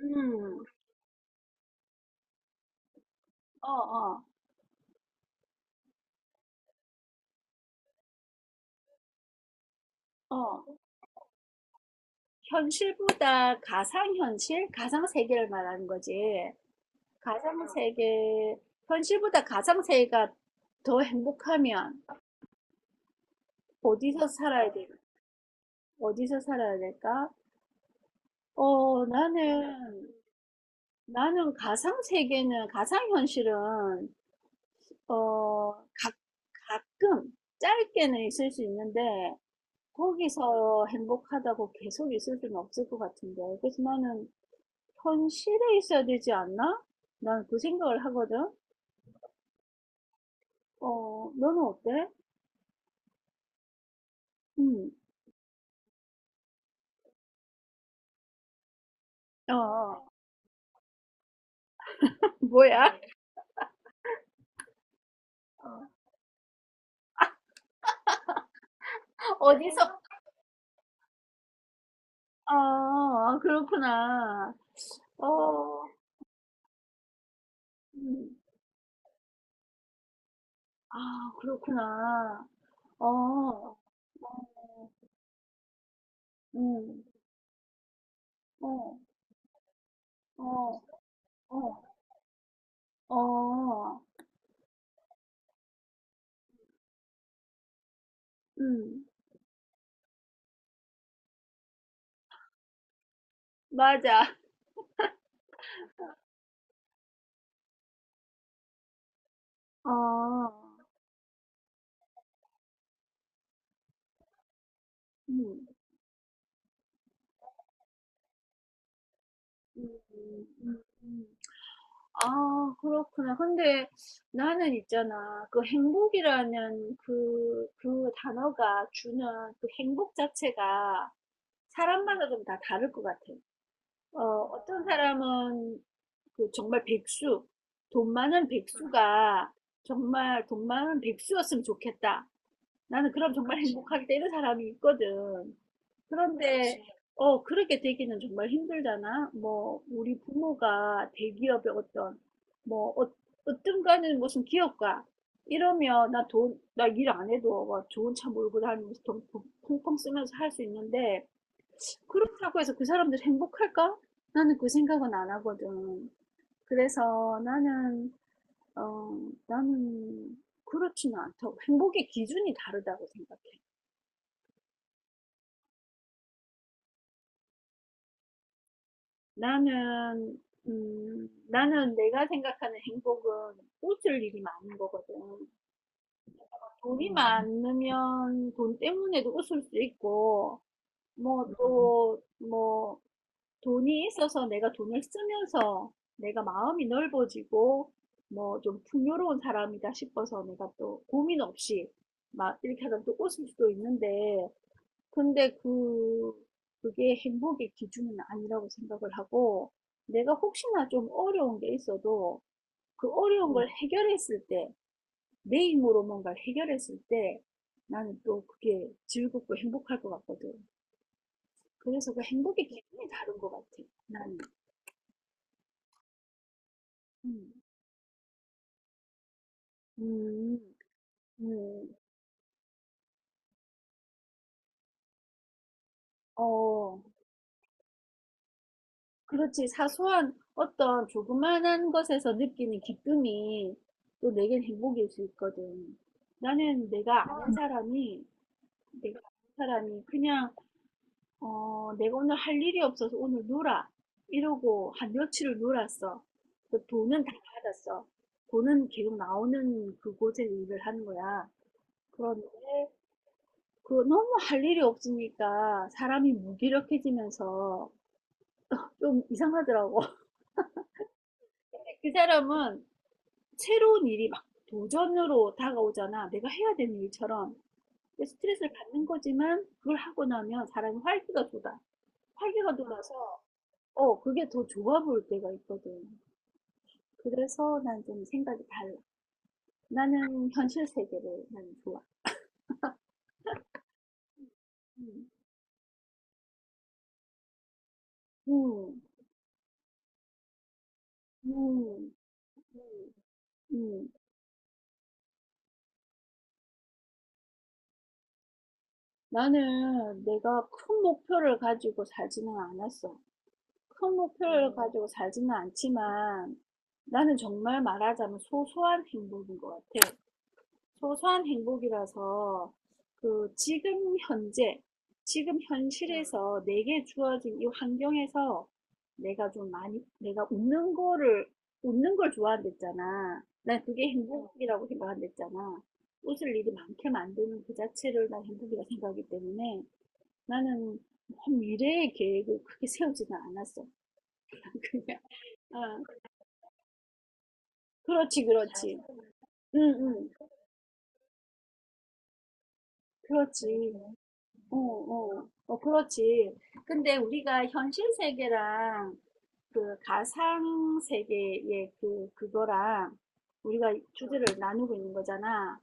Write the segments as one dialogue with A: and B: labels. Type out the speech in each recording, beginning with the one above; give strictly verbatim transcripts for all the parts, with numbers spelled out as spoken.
A: 음, 어, 어, 어. 현실보다 가상현실? 가상세계를 말하는 거지. 가상세계, 현실보다 가상세계가 더 행복하면 어디서 살아야 돼? 어디서 살아야 될까? 어, 나는, 나는 가상세계는, 가상현실은, 어, 가, 가끔, 짧게는 있을 수 있는데, 거기서 행복하다고 계속 있을 수는 없을 것 같은데. 그래서 나는 현실에 있어야 되지 않나? 난 그 생각을 하거든. 어, 너는 어때? 음, 어, 어. 뭐야? 어디서? 어, 어, 그렇구나. 어, 음, 아, 그렇구나. 어, 어, 음, 어, 어, 어, 어, 음, 맞아. 어, 음, 음, 음, 음. 음. 아, 그렇구나. 근데 나는 있잖아. 그 행복이라는 그, 그 단어가 주는 그 행복 자체가 사람마다 좀 다 다를 것 같아. 어, 어떤 사람은 그 정말 백수, 돈 많은 백수가 정말 돈 많은 백수였으면 좋겠다. 나는 그럼 정말 행복하겠다 이런 사람이 있거든. 그런데 그렇지. 어 그렇게 되기는 정말 힘들잖아. 뭐 우리 부모가 대기업의 어떤 뭐 어, 어떤 거는 무슨 기업가 이러면 나 돈 나 일 안 해도 막 좋은 차 몰고 다니면서 돈 펑- 펑펑 쓰면서 할 수 있는데 그렇다고 해서 그 사람들 행복할까? 나는 그 생각은 안 하거든. 그래서 나는 어 나는 그렇지는 않다고 행복의 기준이 다르다고 생각해. 나는 음 나는 내가 생각하는 행복은 웃을 일이 많은 거거든. 돈이 음. 많으면 돈 때문에도 웃을 수 있고 뭐 음. 또 뭐 돈이 있어서 내가 돈을 쓰면서 내가 마음이 넓어지고 뭐 좀 풍요로운 사람이다 싶어서 내가 또 고민 없이 막 이렇게 하다 또 웃을 수도 있는데 근데 그 그게 행복의 기준은 아니라고 생각을 하고 내가 혹시나 좀 어려운 게 있어도 그 어려운 음. 걸 해결했을 때, 내 힘으로 뭔가를 해결했을 때 나는 또 그게 즐겁고 행복할 것 같거든. 그래서 그 행복의 기준이 다른 것 같아, 나는. 음, 음, 음, 어. 그렇지. 사소한 어떤 조그만한 것에서 느끼는 기쁨이 또 내겐 행복일 수 있거든. 나는 내가 아는 사람이, 내가 아는 사람이 그냥, 어, 내가 오늘 할 일이 없어서 오늘 놀아. 이러고 한 며칠을 놀았어. 그 돈은 다 받았어. 돈은 계속 나오는 그곳에 일을 하는 거야. 그런데 그 너무 할 일이 없으니까 사람이 무기력해지면서 좀 이상하더라고. 그 사람은 새로운 일이 막 도전으로 다가오잖아. 내가 해야 되는 일처럼. 근데 스트레스를 받는 거지만 그걸 하고 나면 사람이 활기가 돋아. 활기가 돌아서 어, 그게 더 좋아 보일 때가 있거든. 그래서 난 좀 생각이 달라. 나는 현실 세계를 나는 좋아. 음, 음, 음, 음. 음. 나는 내가 큰 목표를 가지고 살지는 않았어. 큰 목표를 가지고 살지는 않지만 나는 정말 말하자면 소소한 행복인 것 같아. 소소한 행복이라서 그 지금 현재, 지금 현실에서 내게 주어진 이 환경에서 내가 좀 많이, 내가 웃는 거를, 웃는 걸 좋아한댔잖아. 난 그게 행복이라고 생각한댔잖아. 웃을 일이 많게 만드는 그 자체를 난 행복이라 생각하기 때문에 나는 뭐 미래의 계획을 크게 세우지는 않았어. 그냥 아, 그렇지, 그렇지. 응, 응, 그렇지. 어, 어, 어, 그렇지. 근데 우리가 현실 세계랑 그 가상 세계의 그, 그거랑 우리가 주제를 나누고 있는 거잖아.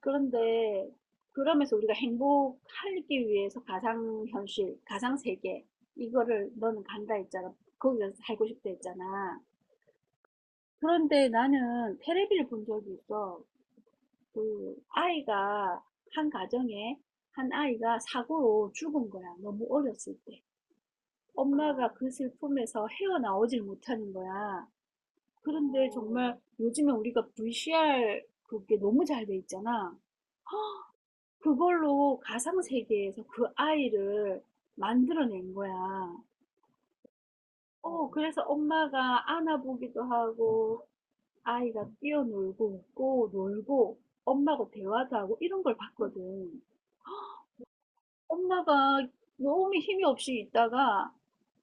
A: 그런데 그러면서 우리가 행복하기 위해서 가상 현실, 가상 세계, 이거를 너는 간다 했잖아. 거기서 살고 싶다 했잖아. 그런데 나는 테레비를 본 적이 있어. 그 아이가 한 가정에 한 아이가 사고로 죽은 거야. 너무 어렸을 때. 엄마가 그 슬픔에서 헤어나오질 못하는 거야. 그런데 정말 요즘에 우리가 브이씨알 그게 너무 잘 돼 있잖아. 그걸로 가상 세계에서 그 아이를 만들어낸 거야. 어, 그래서 엄마가 안아보기도 하고, 아이가 뛰어놀고, 웃고, 놀고, 엄마하고 대화도 하고, 이런 걸 봤거든. 엄마가 너무 힘이 없이 있다가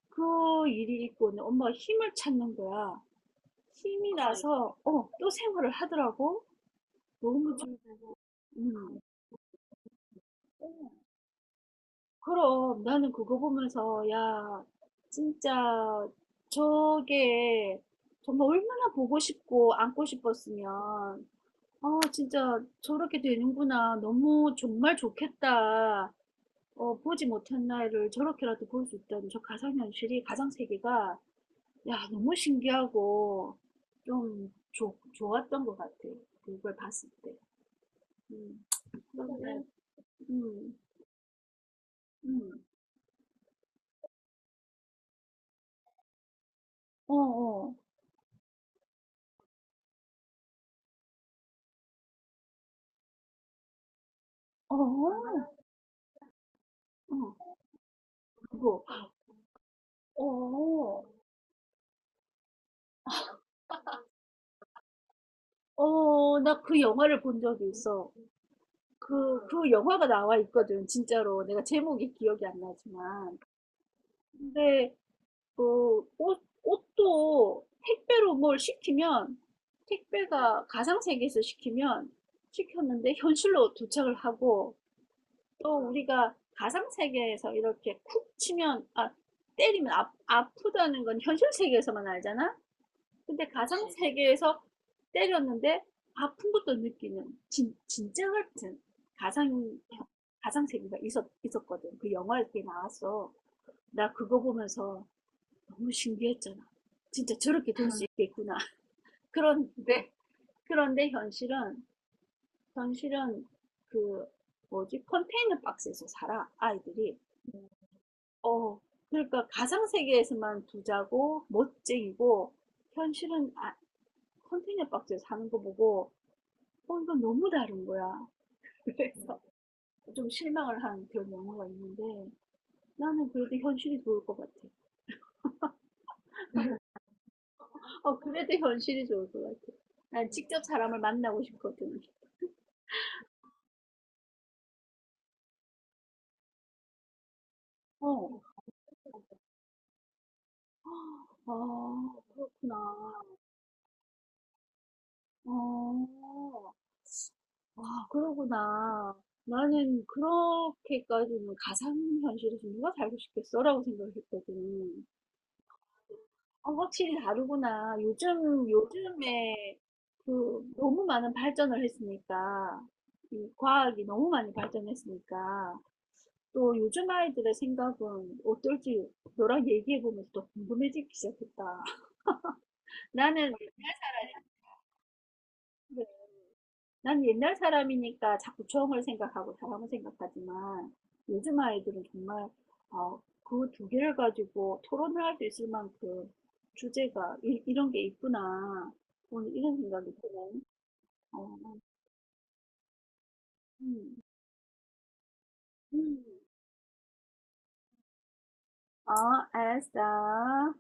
A: 그 일이 있고 엄마가 힘을 찾는 거야. 힘이 맞아요. 나서 어, 또 생활을 하더라고. 너무 좀 음. 그럼 나는 그거 보면서 야, 진짜 저게 정말 얼마나 보고 싶고 안고 싶었으면 아, 진짜 저렇게 되는구나. 너무 정말 좋겠다. 어, 보지 못한 나이를 저렇게라도 볼 수 있다는 저 가상현실이, 가상세계가 야, 너무 신기하고 좀 좋 좋았던 것 같아. 그걸 봤을 때. 음, 그런데, 그래. 음, 음, 어, 어, 어, 얼마나, 어, 그거. 어, 어, 어, 나 그 영화를 본 적이 있어. 그, 그 영화가 나와 있거든, 진짜로. 내가 제목이 기억이 안 나지만. 근데, 그, 옷, 옷도 택배로 뭘 시키면, 택배가 가상세계에서 시키면, 시켰는데 현실로 도착을 하고, 또 우리가 가상 세계에서 이렇게 쿡 치면 아 때리면 아, 아프다는 건 현실 세계에서만 알잖아. 근데 가상 세계에서 때렸는데 아픈 것도 느끼는 진, 진짜 같은 가상 가상 세계가 있었 있었거든. 그 영화에 게 나왔어. 나 그거 보면서 너무 신기했잖아. 진짜 저렇게 될 수 있겠구나. 그런 데 그런데 현실은 현실은 그 뭐지 컨테이너 박스에서 살아 아이들이. 어. 그러니까 가상 세계에서만 부자고 멋쟁이고 현실은 아 컨테이너 박스에 사는 거 보고 '어 이건 너무 다른 거야.' 그래서 좀 실망을 한 그런 영화가 있는데 나는 그래도 현실이 좋을 것 같아. 어 그래도 현실이 좋을 것 같아. 난 직접 사람을 만나고 싶거든. 어. 아, 그렇구나. 어. 아, 그러구나. 나는 그렇게까지는 가상현실에서 누가 살고 싶겠어라고 생각했거든. 어, 확실히 다르구나. 요즘, 요즘에 그 너무 많은 발전을 했으니까, 이 과학이 너무 많이 발전했으니까, 또 요즘 아이들의 생각은 어떨지 너랑 얘기해보면서 또 궁금해지기 시작했다. 나는 옛날 사람이 난 옛날 사람이니까 자꾸 처음을 생각하고 사람을 생각하지만 요즘 아이들은 정말 어, 그 두 개를 가지고 토론을 할 수 있을 만큼 주제가 이, 이런 게 있구나. 오늘 이런 생각이 드네. 어, 음, 음. 어, 알았어.